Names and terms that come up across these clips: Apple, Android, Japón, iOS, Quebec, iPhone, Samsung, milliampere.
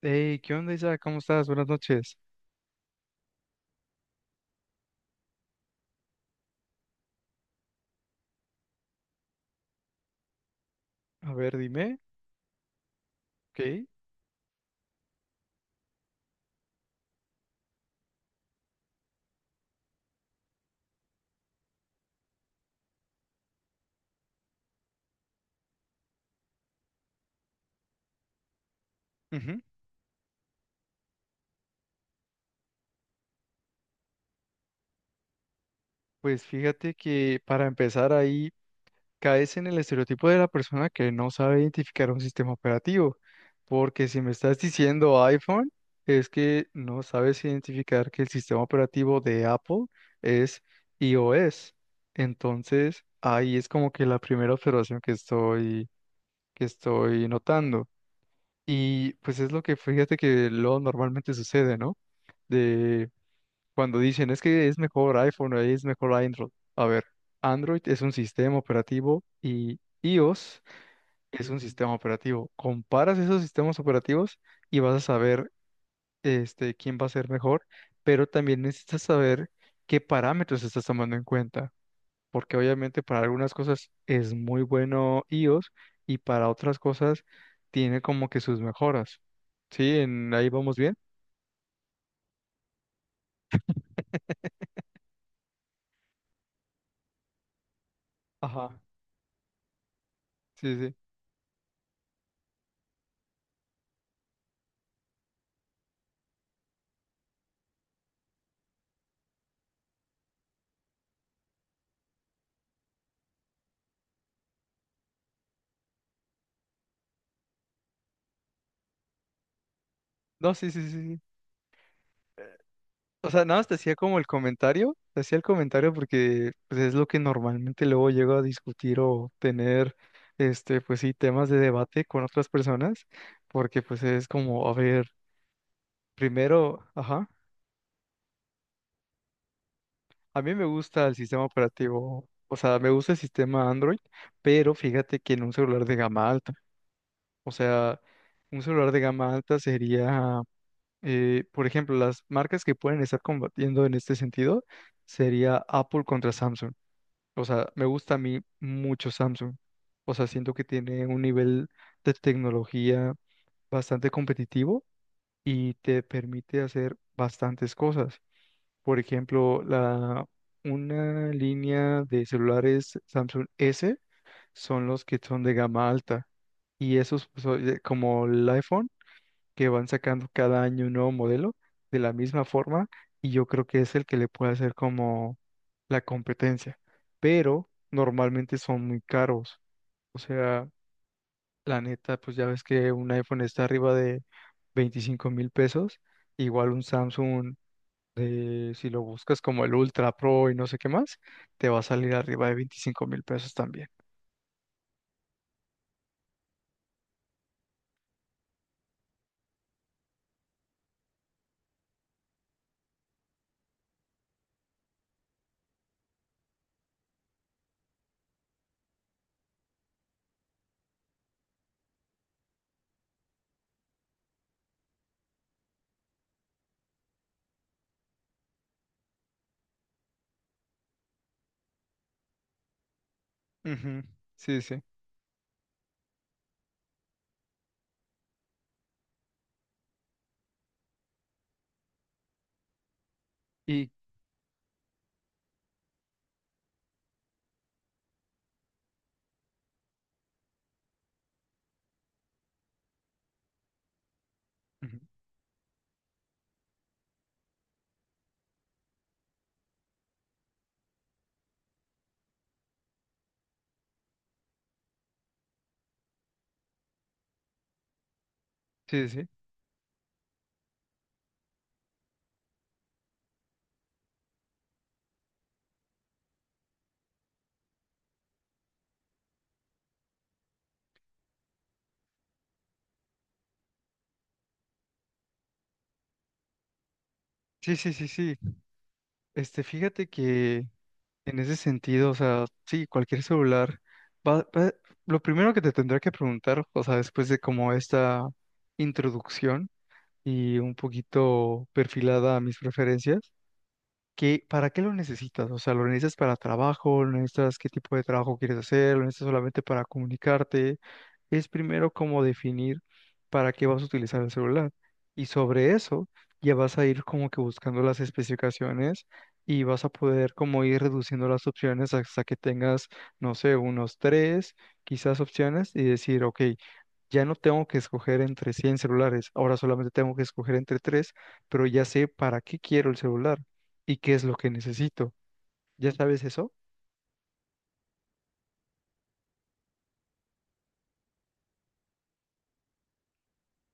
Hey, ¿qué onda, Isa? ¿Cómo estás? Buenas noches. A ver, dime. Ok. Ujú. Pues fíjate que para empezar ahí caes en el estereotipo de la persona que no sabe identificar un sistema operativo. Porque si me estás diciendo iPhone, es que no sabes identificar que el sistema operativo de Apple es iOS. Entonces, ahí es como que la primera observación que estoy notando. Y pues es lo que fíjate que luego normalmente sucede, ¿no? De cuando dicen, es que es mejor iPhone o es mejor Android. A ver, Android es un sistema operativo y iOS es un sistema operativo. Comparas esos sistemas operativos y vas a saber quién va a ser mejor, pero también necesitas saber qué parámetros estás tomando en cuenta porque obviamente para algunas cosas es muy bueno iOS y para otras cosas tiene como que sus mejoras. ¿Sí? Ahí vamos bien. Ajá. Sí, sí. No, sí, sí, sí. Sí. O sea, nada más te hacía como el comentario, te hacía el comentario porque pues, es lo que normalmente luego llego a discutir o tener, pues sí, temas de debate con otras personas, porque pues es como, a ver, primero, ajá. A mí me gusta el sistema operativo, o sea, me gusta el sistema Android, pero fíjate que en un celular de gama alta, o sea, un celular de gama alta sería, por ejemplo, las marcas que pueden estar combatiendo en este sentido sería Apple contra Samsung. O sea, me gusta a mí mucho Samsung. O sea, siento que tiene un nivel de tecnología bastante competitivo y te permite hacer bastantes cosas. Por ejemplo, una línea de celulares Samsung S son los que son de gama alta. Y esos, pues, como el iPhone, que van sacando cada año un nuevo modelo de la misma forma. Y yo creo que es el que le puede hacer como la competencia. Pero normalmente son muy caros. O sea, la neta, pues ya ves que un iPhone está arriba de 25 mil pesos. Igual un Samsung si lo buscas como el Ultra Pro y no sé qué más, te va a salir arriba de 25 mil pesos también. Ujú. Sí, sí. Y ujú, sí, sí. Sí, sí, sí, sí. Fíjate que en ese sentido, o sea, sí, cualquier celular va, va- lo primero que te tendrá que preguntar, o sea, después de como esta introducción y un poquito perfilada a mis preferencias, ¿qué, para qué lo necesitas? O sea, ¿lo necesitas para trabajo? ¿Lo necesitas qué tipo de trabajo quieres hacer? ¿Lo necesitas solamente para comunicarte? Es primero como definir para qué vas a utilizar el celular. Y sobre eso ya vas a ir como que buscando las especificaciones y vas a poder como ir reduciendo las opciones hasta que tengas, no sé, unos tres, quizás opciones y decir, ok, ya no tengo que escoger entre 100 celulares, ahora solamente tengo que escoger entre tres, pero ya sé para qué quiero el celular y qué es lo que necesito. ¿Ya sabes eso?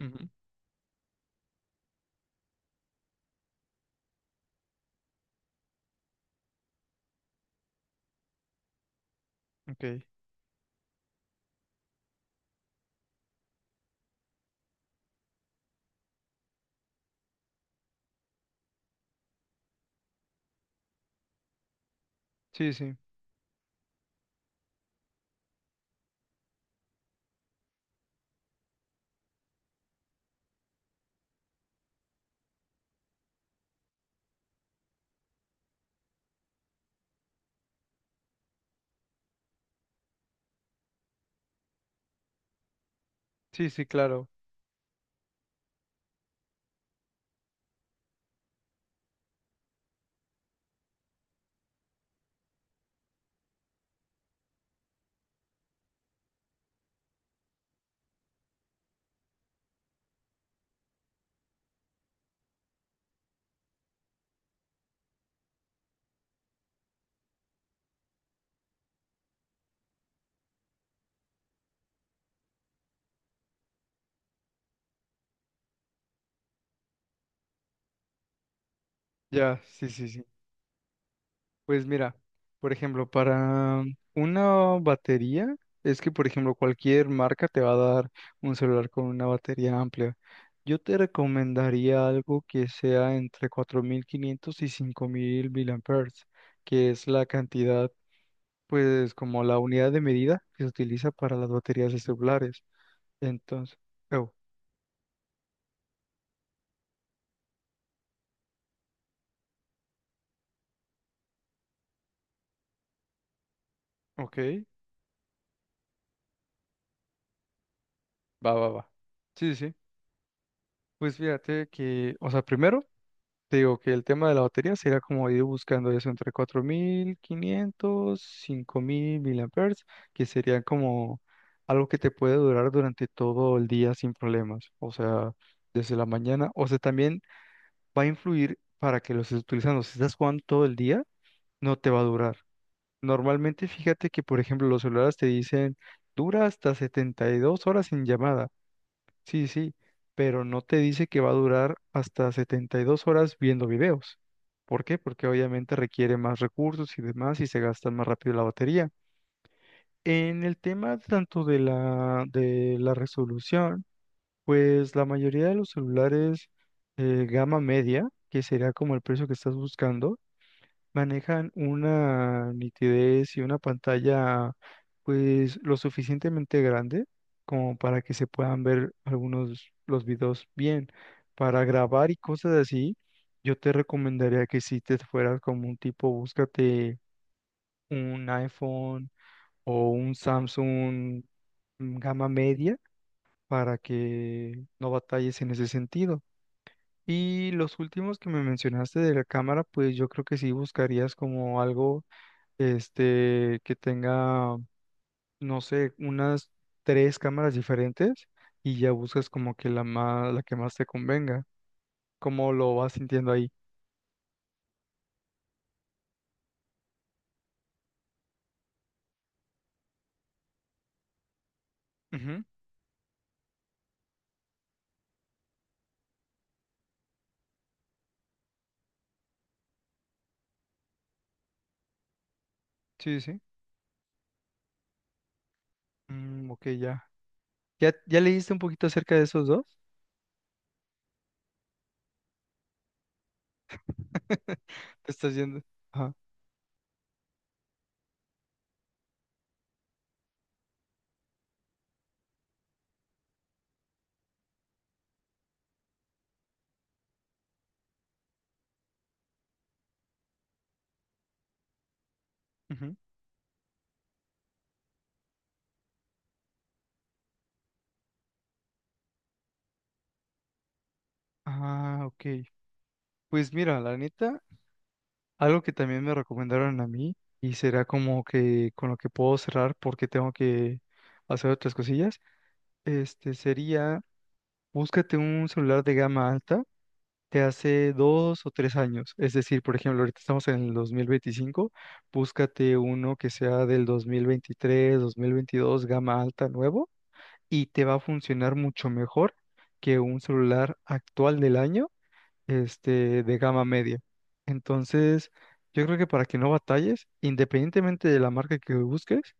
Ujú. Ok. Sí, sí. Sí, sí, claro. Ya, sí, sí, sí. Pues mira, por ejemplo, para una batería, es que, por ejemplo, cualquier marca te va a dar un celular con una batería amplia. Yo te recomendaría algo que sea entre 4500 y 5000 miliamperes, que es la cantidad, pues como la unidad de medida que se utiliza para las baterías de celulares. Entonces, oh, ok, va, va, va. Sí, sí, sí. Pues fíjate que, o sea, primero te digo que el tema de la batería sería como ir buscando eso entre 4500, 5000 miliamperes, que sería como algo que te puede durar durante todo el día sin problemas, o sea, desde la mañana. O sea, también va a influir para que los estés utilizando. Si estás jugando todo el día, no te va a durar. Normalmente fíjate que, por ejemplo, los celulares te dicen dura hasta 72 horas en llamada. Sí, sí, pero no te dice que va a durar hasta 72 horas viendo videos. ¿Por qué? Porque obviamente requiere más recursos y demás y se gasta más rápido la batería. En el tema tanto de la resolución, pues la mayoría de los celulares, gama media, que sería como el precio que estás buscando, manejan una nitidez y una pantalla pues lo suficientemente grande como para que se puedan ver algunos los videos bien. Para grabar y cosas así, yo te recomendaría que si te fueras como un tipo, búscate un iPhone o un Samsung, gama media, para que no batalles en ese sentido. Y los últimos que me mencionaste de la cámara, pues yo creo que sí buscarías como algo, que tenga, no sé, unas tres cámaras diferentes y ya buscas como que la más, la que más te convenga, cómo lo vas sintiendo ahí. Ujú. Sí, sí. Mm, ok, ya. ¿Ya leíste un poquito acerca de esos dos? Te estás yendo. Ajá. Ujú. Ah, ok. Pues mira, la neta, algo que también me recomendaron a mí y será como que con lo que puedo cerrar, porque tengo que hacer otras cosillas, este sería: búscate un celular de gama alta de hace dos o tres años. Es decir, por ejemplo, ahorita estamos en el 2025, búscate uno que sea del 2023, 2022, gama alta nuevo, y te va a funcionar mucho mejor que un celular actual del año, de gama media. Entonces, yo creo que para que no batalles, independientemente de la marca que busques,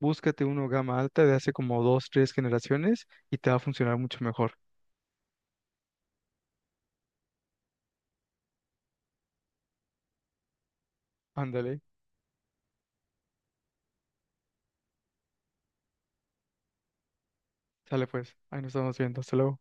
búscate uno gama alta de hace como dos, tres generaciones y te va a funcionar mucho mejor. Ándale. Sale pues, ahí nos estamos viendo. Hasta luego.